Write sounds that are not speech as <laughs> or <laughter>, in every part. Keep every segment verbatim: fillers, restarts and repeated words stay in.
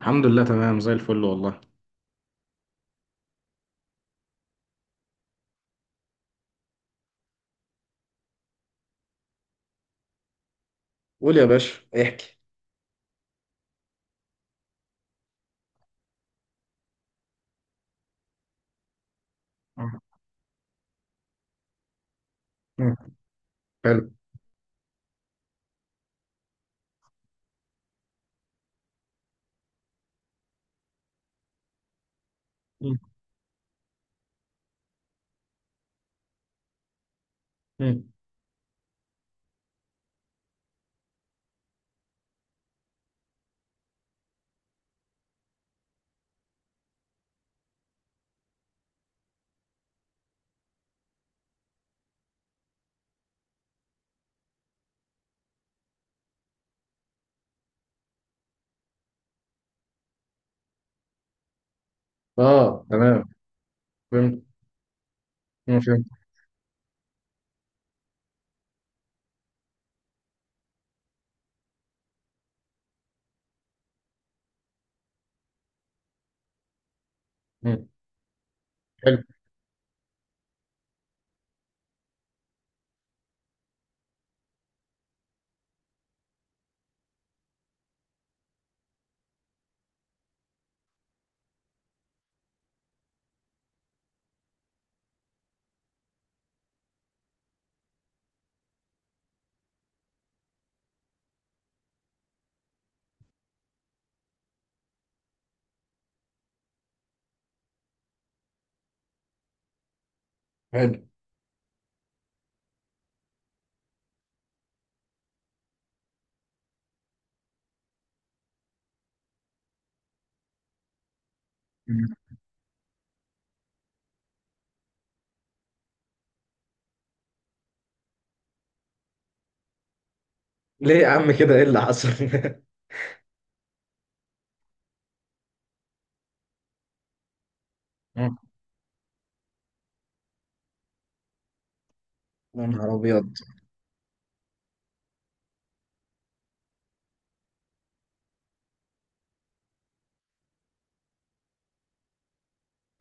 الحمد لله، تمام زي الفل والله. قول يا باشا، احكي. آه. مم. حلو. مم. مم. اه، تمام. فهمت. مم، فهمت. مم. حلو. حلو. مم. ليه يا عم كده؟ ايه اللي حصل؟ <laughs> يا مم. يا نهار ابيض.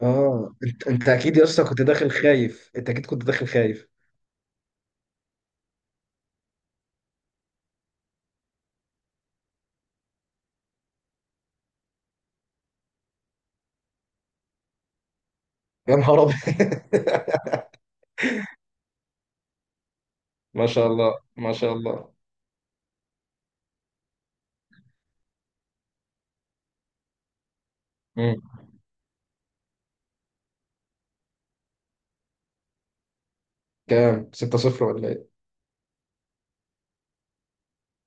اه، انت انت اكيد يا اسطى كنت داخل خايف، انت اكيد كنت داخل خايف. يا نهار ابيض. <laughs> ما شاء الله، ما شاء الله. مم. كام؟ سته صفر ولا ايه؟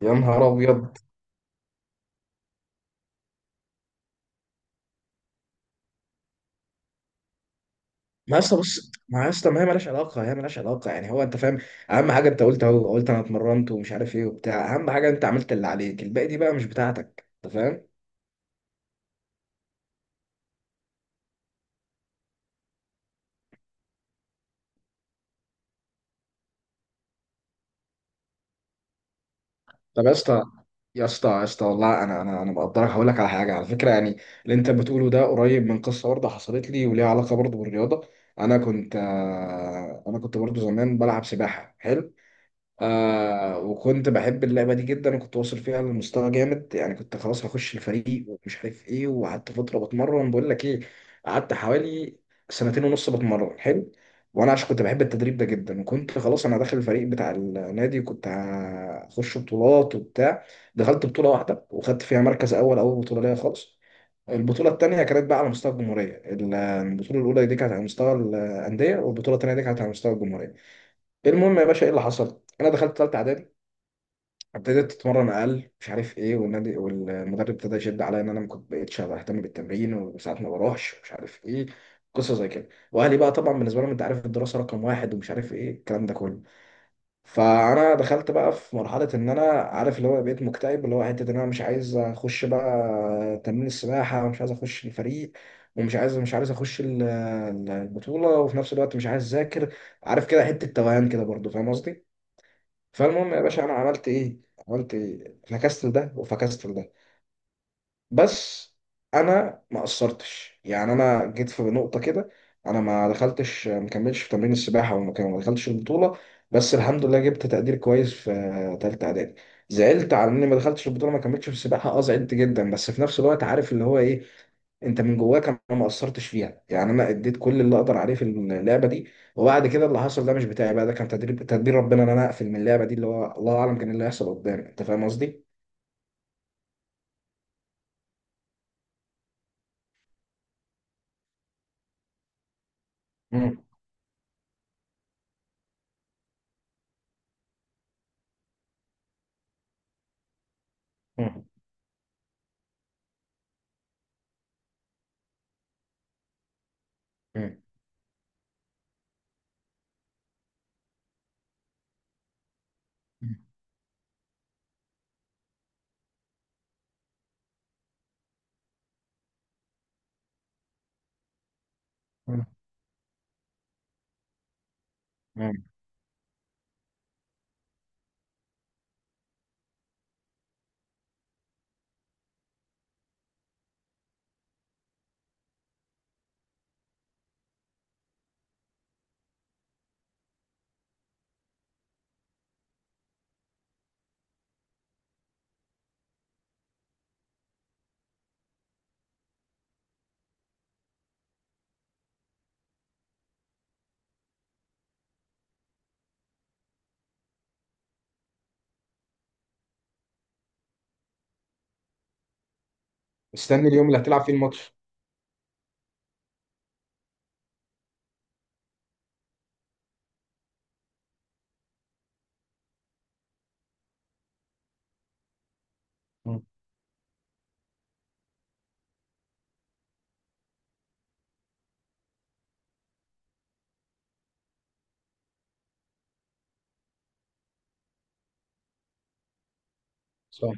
يا نهار ابيض. ما اصلا بص، ما اصلا، ما هي مالهاش علاقه، هي مالهاش علاقه يعني. هو انت فاهم؟ اهم حاجه انت قلت اهو، قلت انا اتمرنت ومش عارف ايه وبتاع. اهم حاجه انت عملت اللي عليك، الباقي دي بقى مش بتاعتك، انت فاهم؟ طب يا اسطى، يا اسطى يا اسطى والله انا انا انا مقدرك، هقول لك على حاجه على فكره يعني. اللي انت بتقوله ده قريب من قصه برضه حصلت لي وليها علاقه برضه بالرياضه. انا كنت آه، انا كنت برضه زمان بلعب سباحه، حلو. آه، وكنت بحب اللعبة دي جدا، وكنت واصل فيها لمستوى جامد يعني، كنت خلاص هخش الفريق ومش عارف ايه. وقعدت فترة بتمرن، بقول لك ايه، قعدت حوالي سنتين ونص بتمرن، حلو. وانا عشان كنت بحب التدريب ده جدا، وكنت خلاص انا داخل الفريق بتاع النادي، وكنت هخش بطولات وبتاع. دخلت بطولة واحدة وخدت فيها مركز اول، اول بطولة ليا خالص. البطولة التانية كانت بقى على مستوى الجمهورية، ال- البطولة الأولى دي كانت على مستوى الأندية، والبطولة التانية دي كانت على مستوى الجمهورية. المهم يا باشا ايه اللي حصل؟ انا دخلت ثالثه اعدادي، ابتديت اتمرن اقل، مش عارف ايه، والنادي والمدرب ابتدى يشد عليا ان انا ما كنت بقتش اهتم بالتمرين، وساعات ما بروحش، مش عارف ايه. قصه زي كده. واهلي بقى طبعا بالنسبه لهم انت عارف الدراسه رقم واحد، ومش عارف ايه الكلام ده كله. فانا دخلت بقى في مرحله ان انا عارف اللي هو بقيت مكتئب، اللي هو حته ان انا مش عايز اخش بقى تمرين السباحه، ومش عايز اخش الفريق، ومش عايز مش عايز اخش ال- ال- البطوله وفي نفس الوقت مش عايز اذاكر. عارف كده حته توهان كده برضو، فاهم قصدي؟ فالمهم يا باشا انا عملت ايه؟ عملت إيه؟ فكستل ده وفكستل ده. بس انا ما قصرتش يعني، انا جيت في نقطه كده، انا ما دخلتش، ما كملتش في تمرين السباحه، وما كان- ما دخلتش البطوله. بس الحمد لله جبت تقدير كويس في ثالثه اعدادي. زعلت على اني ما دخلتش البطوله، ما كملتش في السباحه، اه زعلت جدا. بس في نفس الوقت عارف اللي هو ايه، انت من جواك انا ما قصرتش فيها يعني، انا اديت كل اللي اقدر عليه في اللعبه دي. وبعد كده اللي حصل ده مش بتاعي بقى، ده كان تدريب، تدبير ربنا ان انا اقفل من اللعبه دي، اللي هو الله اعلم كان اللي هيحصل قدام، انت فاهم قصدي؟ مم. مم. مم. مم. مستني اليوم اللي هتلعب فيه الماتش. مم. صح.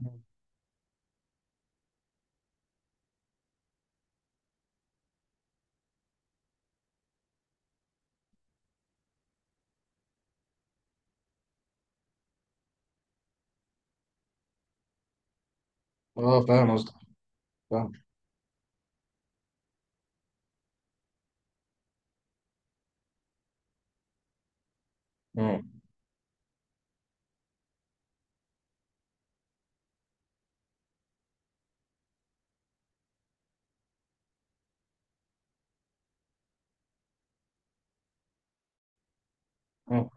مم. اه، فاهم قصدك، فاهم. مم. مم.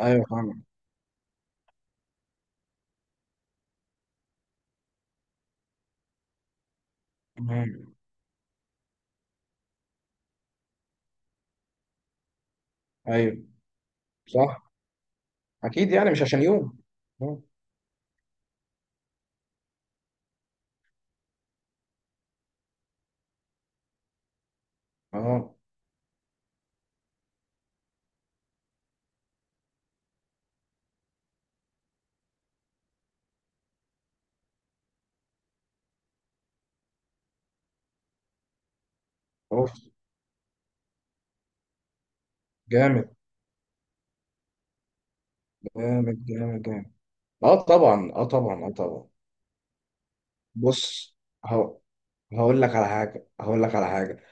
ايوه فاهم. مم. ايوه. صح. اكيد، يعني مش عشان يوم. مم. اه. اوف. جامد. جامد، جامد، جامد. اه طبعا، اه طبعا، اه طبعا. بص. هو. هقول لك على حاجة، هقول لك على حاجة.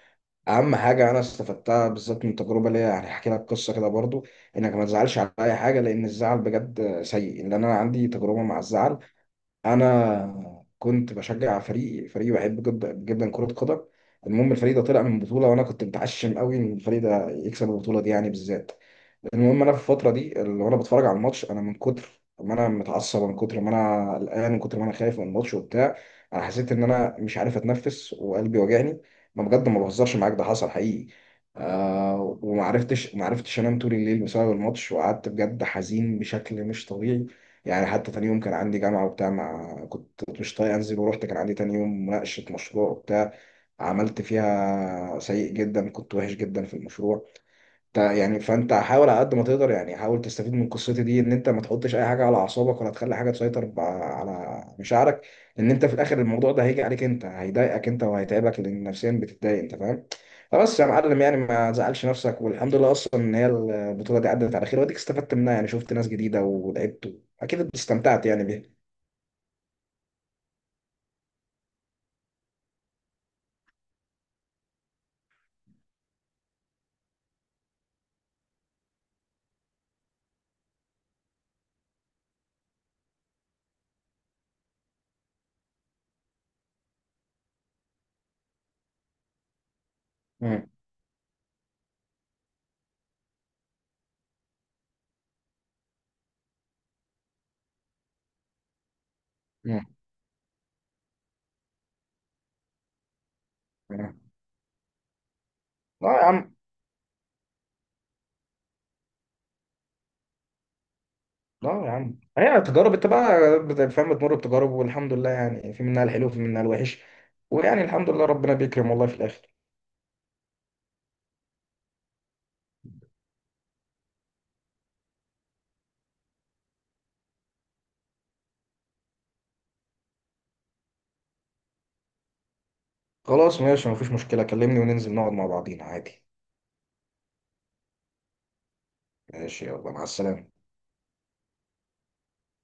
أهم حاجة أنا استفدتها بالذات من تجربة ليا، يعني هحكي لك قصة كده برضو. إنك ما تزعلش على أي حاجة، لأن الزعل بجد سيء. إن أنا عندي تجربة مع الزعل. انا كنت بشجع فريق، فريق بحب جدا جدا كرة قدم. المهم الفريق ده طلع من بطولة، وانا كنت متعشم قوي ان الفريق ده يكسب البطولة دي يعني بالذات. المهم انا في الفتره دي اللي وانا بتفرج على الماتش، انا من كتر ما انا متعصب، من كتر ما انا قلقان، من كتر ما انا خايف من الماتش وبتاع، انا حسيت ان انا مش عارف اتنفس وقلبي وجعني. ما بجد، ما بهزرش معاك، ده حصل حقيقي. آه، وما عرفتش ما عرفتش انام طول الليل بسبب الماتش، وقعدت بجد حزين بشكل مش طبيعي، يعني حتى تاني يوم كان عندي جامعه وبتاع، ما كنت مش طايق انزل، ورحت كان عندي تاني يوم مناقشه مشروع وبتاع، عملت فيها سيء جدا، كنت وحش جدا في المشروع. تا- يعني فانت حاول على قد ما تقدر يعني، حاول تستفيد من قصتي دي ان انت ما تحطش اي حاجه على اعصابك، ولا تخلي حاجه تسيطر ب- على مشاعرك. لان انت في الاخر الموضوع ده هيجي عليك، انت هيضايقك انت وهيتعبك، لان نفسيا بتتضايق، انت فاهم؟ فبس يا معلم يعني ما تزعلش نفسك، والحمد لله اصلا ان هي البطوله دي عدت على خير، واديك استفدت منها يعني، شفت ناس جديده ولعبت، اكيد استمتعت يعني بيها. مم. مم. مم. لا يا عم. لا يا عم، هي تجارب انت بقى بت- فاهم، بتمر بتجارب، والحمد لله يعني في منها الحلو وفي منها الوحش. ويعني الحمد لله ربنا بيكرم والله في الاخر. خلاص ماشي، مفيش مشكلة، كلمني وننزل نقعد مع بعضينا عادي. ماشي، يلا مع السلامة.